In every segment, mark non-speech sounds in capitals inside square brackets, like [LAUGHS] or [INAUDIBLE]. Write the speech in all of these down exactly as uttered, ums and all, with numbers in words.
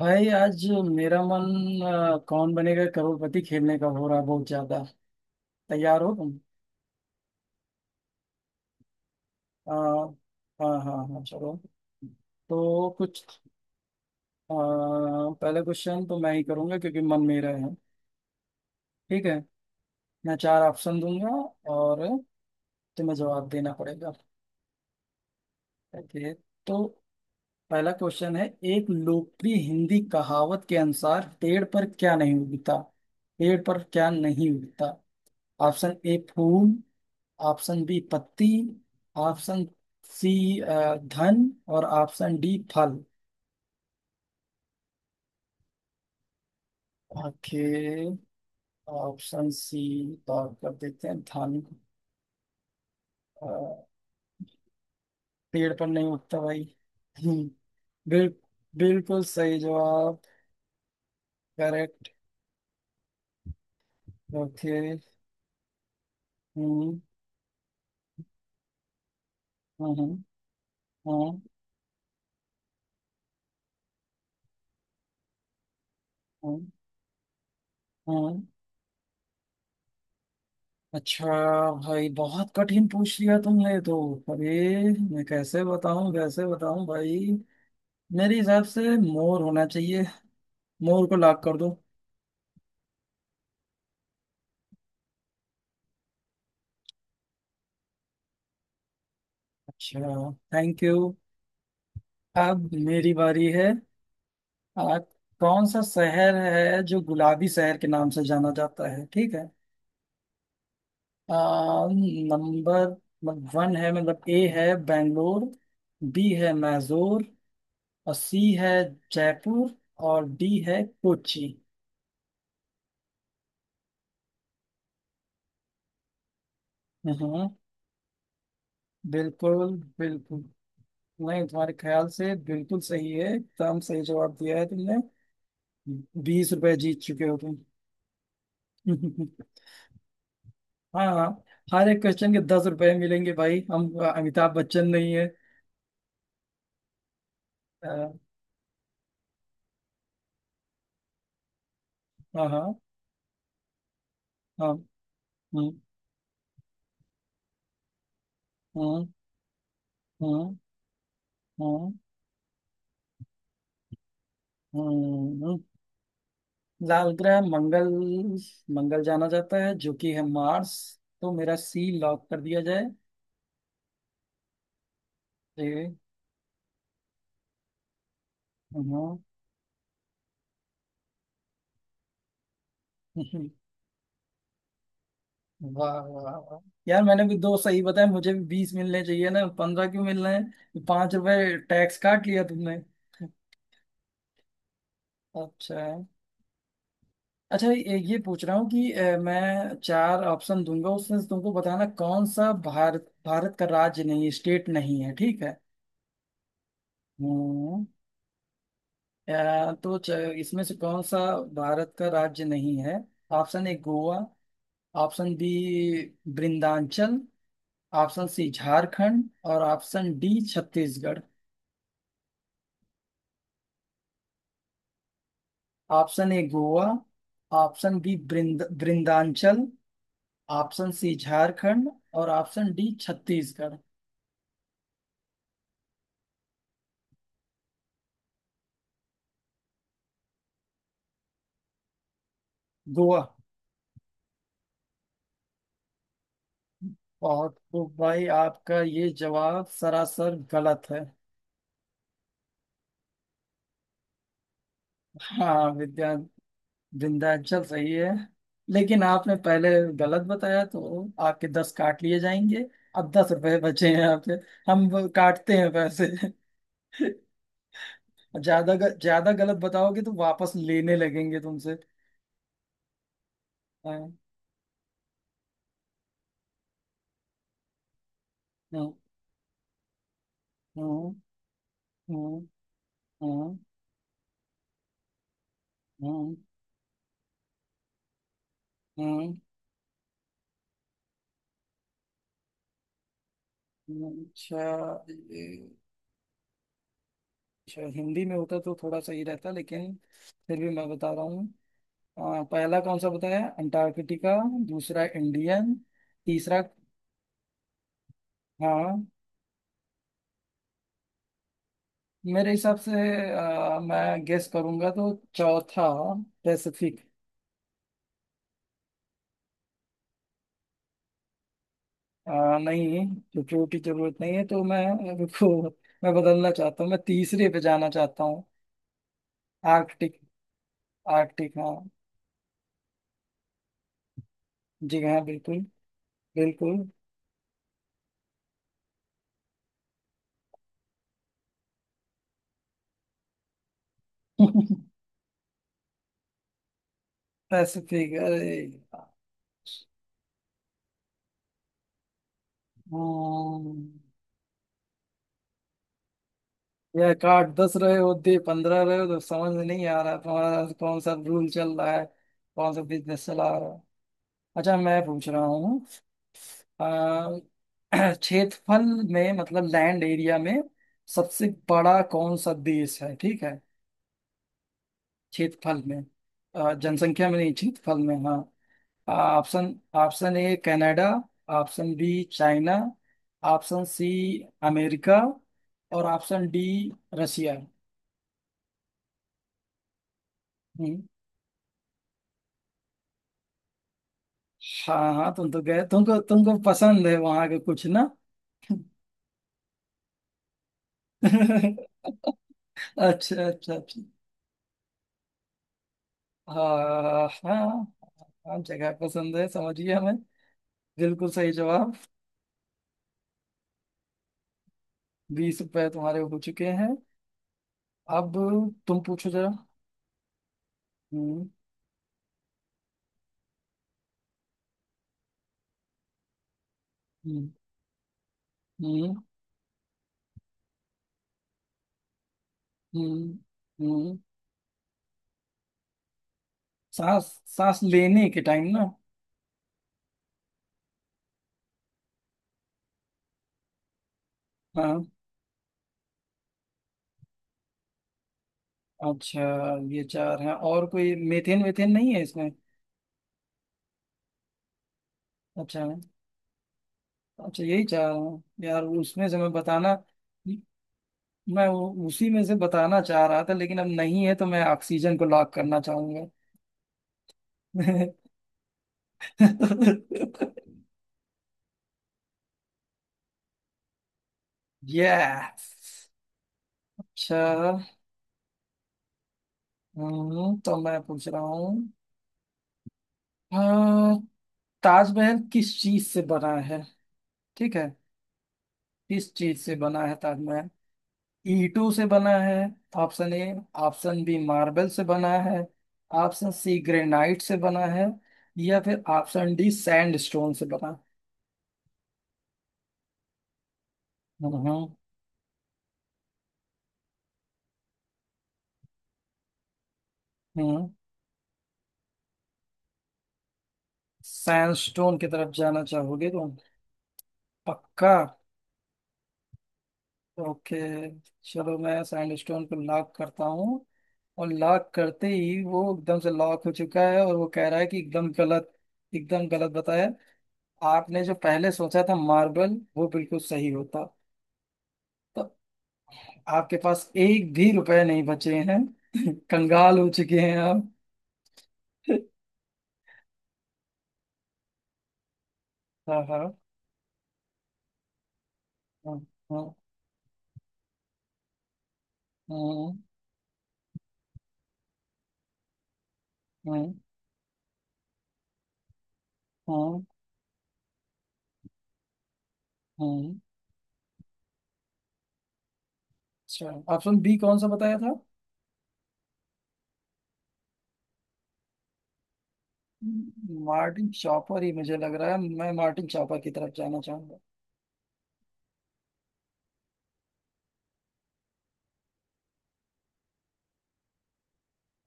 भाई आज मेरा मन अ, कौन बनेगा करोड़पति खेलने का हो रहा है बहुत ज्यादा। तैयार हो तुम? अ, हाँ हाँ हाँ, चलो। तो कुछ अ, पहला क्वेश्चन तो मैं ही करूंगा क्योंकि मन मेरा है। ठीक है। मैं चार ऑप्शन दूंगा और तुम्हें जवाब देना पड़ेगा। ओके। तो पहला क्वेश्चन है। एक लोकप्रिय हिंदी कहावत के अनुसार पेड़ पर क्या नहीं उगता? पेड़ पर क्या नहीं उगता? ऑप्शन ए फूल, ऑप्शन बी पत्ती, ऑप्शन सी अ, धन, और ऑप्शन डी फल। ओके। ऑप्शन सी तौर कर देते हैं, धन। अ, पेड़ पर नहीं उगता भाई। हम्म, बिल, बिल्कुल सही जवाब। करेक्ट। ओके। हम्म। हम्म। हम्म। हम्म। हम्म। हम्म। अच्छा। भाई बहुत कठिन पूछ लिया तुमने तो। अरे, मैं कैसे बताऊं कैसे बताऊं भाई। मेरे हिसाब से मोर होना चाहिए, मोर को लॉक कर दो। अच्छा, थैंक यू। अब मेरी बारी है। आ, कौन सा शहर है जो गुलाबी शहर के नाम से जाना जाता है? ठीक है। आ, नंबर मतलब वन है, मतलब ए है बेंगलोर। बी है मैसूर और सी है जयपुर और डी है कोची। हम्म। बिल्कुल। बिल्कुल, नहीं तुम्हारे ख्याल से बिल्कुल सही है, एकदम सही जवाब दिया है तुमने। बीस रुपए जीत चुके हो तुम। [LAUGHS] हाँ हाँ, हर एक क्वेश्चन के दस रुपए मिलेंगे भाई, हम अ, अमिताभ बच्चन नहीं है। अ, हाँ हाँ हाँ। हम्म। हम्म। हम्म। हम्म। हम्म। लाल ग्रह मंगल। मंगल जाना जाता है जो कि है मार्स। तो मेरा सी लॉक कर दिया जाए। ए, हम्म, [LAUGHS] वाह वाह वाह। यार मैंने भी दो सही बताया, मुझे भी बीस मिलने चाहिए ना, पंद्रह क्यों मिल रहे हैं? पांच रुपए टैक्स काट लिया तुमने। अच्छा। अच्छा, ये ये पूछ रहा हूँ कि अ, मैं चार ऑप्शन दूंगा उसमें से तुमको बताना कौन सा भारत भारत का राज्य नहीं है, स्टेट नहीं है, ठीक है। हम्म। अ, तो च- इसमें से कौन सा भारत का राज्य नहीं है? Option A Goa, option B Vrindanchal, option C Jharkhand और option D Chhattisgarh. Option A Goa, option B वृंद वृंदांचल, ऑप्शन सी झारखंड और ऑप्शन डी छत्तीसगढ़। गोवा। बहुत खूब भाई, आपका ये जवाब सरासर गलत है। हाँ विद्या विंध्याचल सही है। लेकिन आपने पहले गलत बताया तो आपके दस काट लिए जाएंगे। अब दस रुपए बचे हैं आपके। हम वो काटते हैं पैसे। [LAUGHS] ज्यादा ग- ज्यादा गलत बताओगे तो वापस लेने लगेंगे तुमसे। हाँ हाँ हाँ हाँ हाँ हाँ हाँ, हाँ, अच्छा। शायद हिंदी में होता तो थोड़ा सही रहता, लेकिन फिर भी मैं बता रहा हूँ। अ, पहला कौन सा बताया? अंटार्कटिका। दूसरा इंडियन। तीसरा। हाँ। मेरे हिसाब से अ, मैं गेस करूंगा तो चौथा पैसिफिक। आ, नहीं, क्योंकि की जरूरत नहीं है तो मैं रुको। मैं बदलना चाहता हूँ, मैं तीसरे पे जाना चाहता हूँ। आर्कटिक। आर्कटिक हाँ। जी हाँ बिल्कुल। बिल्कुल। [LAUGHS] पैसिफिक अरे। हम्म, या एक आठ दस रहे होते, पंद्रह रहे हो, तो समझ में नहीं आ रहा तुम्हारा कौन सा रूल चल रहा है, कौन सा बिजनेस चला रहा है। अच्छा, मैं पूछ रहा हूँ। अ, [CLEARS THROAT] क्षेत्रफल में मतलब लैंड एरिया में सबसे बड़ा कौन सा देश है, ठीक है। क्षेत्रफल में अ, जनसंख्या में नहीं, क्षेत्रफल में, हाँ। Option option A Canada, option B China, option C America और ऑप्शन डी रशिया। हम्म। हाँ हाँ, तुम तो गए, तुमको तुमको पसंद है वहां के कुछ ना। [LAUGHS] अच्छा अच्छा अच्छा। हाँ हाँ हाँ, जगह पसंद है, समझिए हमें। बिल्कुल सही जवाब। बीस रुपए तुम्हारे हो चुके हैं। अब तुम पूछो जरा। हम्म। हम्म। हम्म। हम्म। हम्म। सांस सांस लेने के टाइम ना। हाँ। अच्छा, ये चार हैं और कोई मेथेन वेथेन नहीं है इसमें। अच्छा। अच्छा, यही चार हैं यार, उसमें से मैं बताना। मैं वो उसी में से बताना चाह रहा था, लेकिन अब नहीं है तो मैं ऑक्सीजन को लॉक करना चाहूंगा। [LAUGHS] यस। अच्छा। हम्म, तो मैं पूछ रहा हूँ। हाँ, ताजमहल किस चीज से बना है, ठीक है? किस चीज से बना है ताजमहल? ईंटों से बना है, option A. Option B marble से बना है, ऑप्शन सी ग्रेनाइट से बना है, या फिर ऑप्शन डी सैंडस्टोन से बना है। हम्म हम्म। सैंडस्टोन की तरफ जाना चाहोगे तुम? पक्का? ओके, चलो मैं सैंडस्टोन को लॉक करता हूँ। और लॉक करते ही वो एकदम से लॉक हो चुका है और वो कह रहा है कि एकदम गलत। एकदम गलत बताया। आपने जो पहले सोचा था मार्बल, वो बिल्कुल सही होता। तो आपके पास एक भी रुपए नहीं बचे हैं। [LAUGHS] कंगाल हो चुके हैं आप। हाँ हाँ हाँ हाँ हाँ हाँ हाँ हाँ। अच्छा, ऑप्शन बी कौन सा बताया था? मार्टिन शॉपर ही मुझे लग रहा है, मैं मार्टिन शॉपर की तरफ जाना चाहूंगा।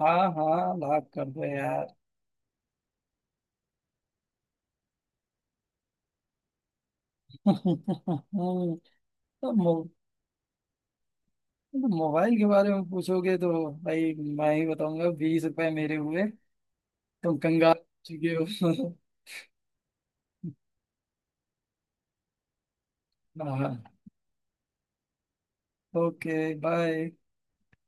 हाँ हाँ, लाख कर दो यार। [LAUGHS] तो मो, तो मोबाइल के बारे में पूछोगे तो भाई मैं ही बताऊंगा, बीस रुपए मेरे हुए। तुम कंगाल हो चुके हो। [LAUGHS] हाँ। ओके। बाय।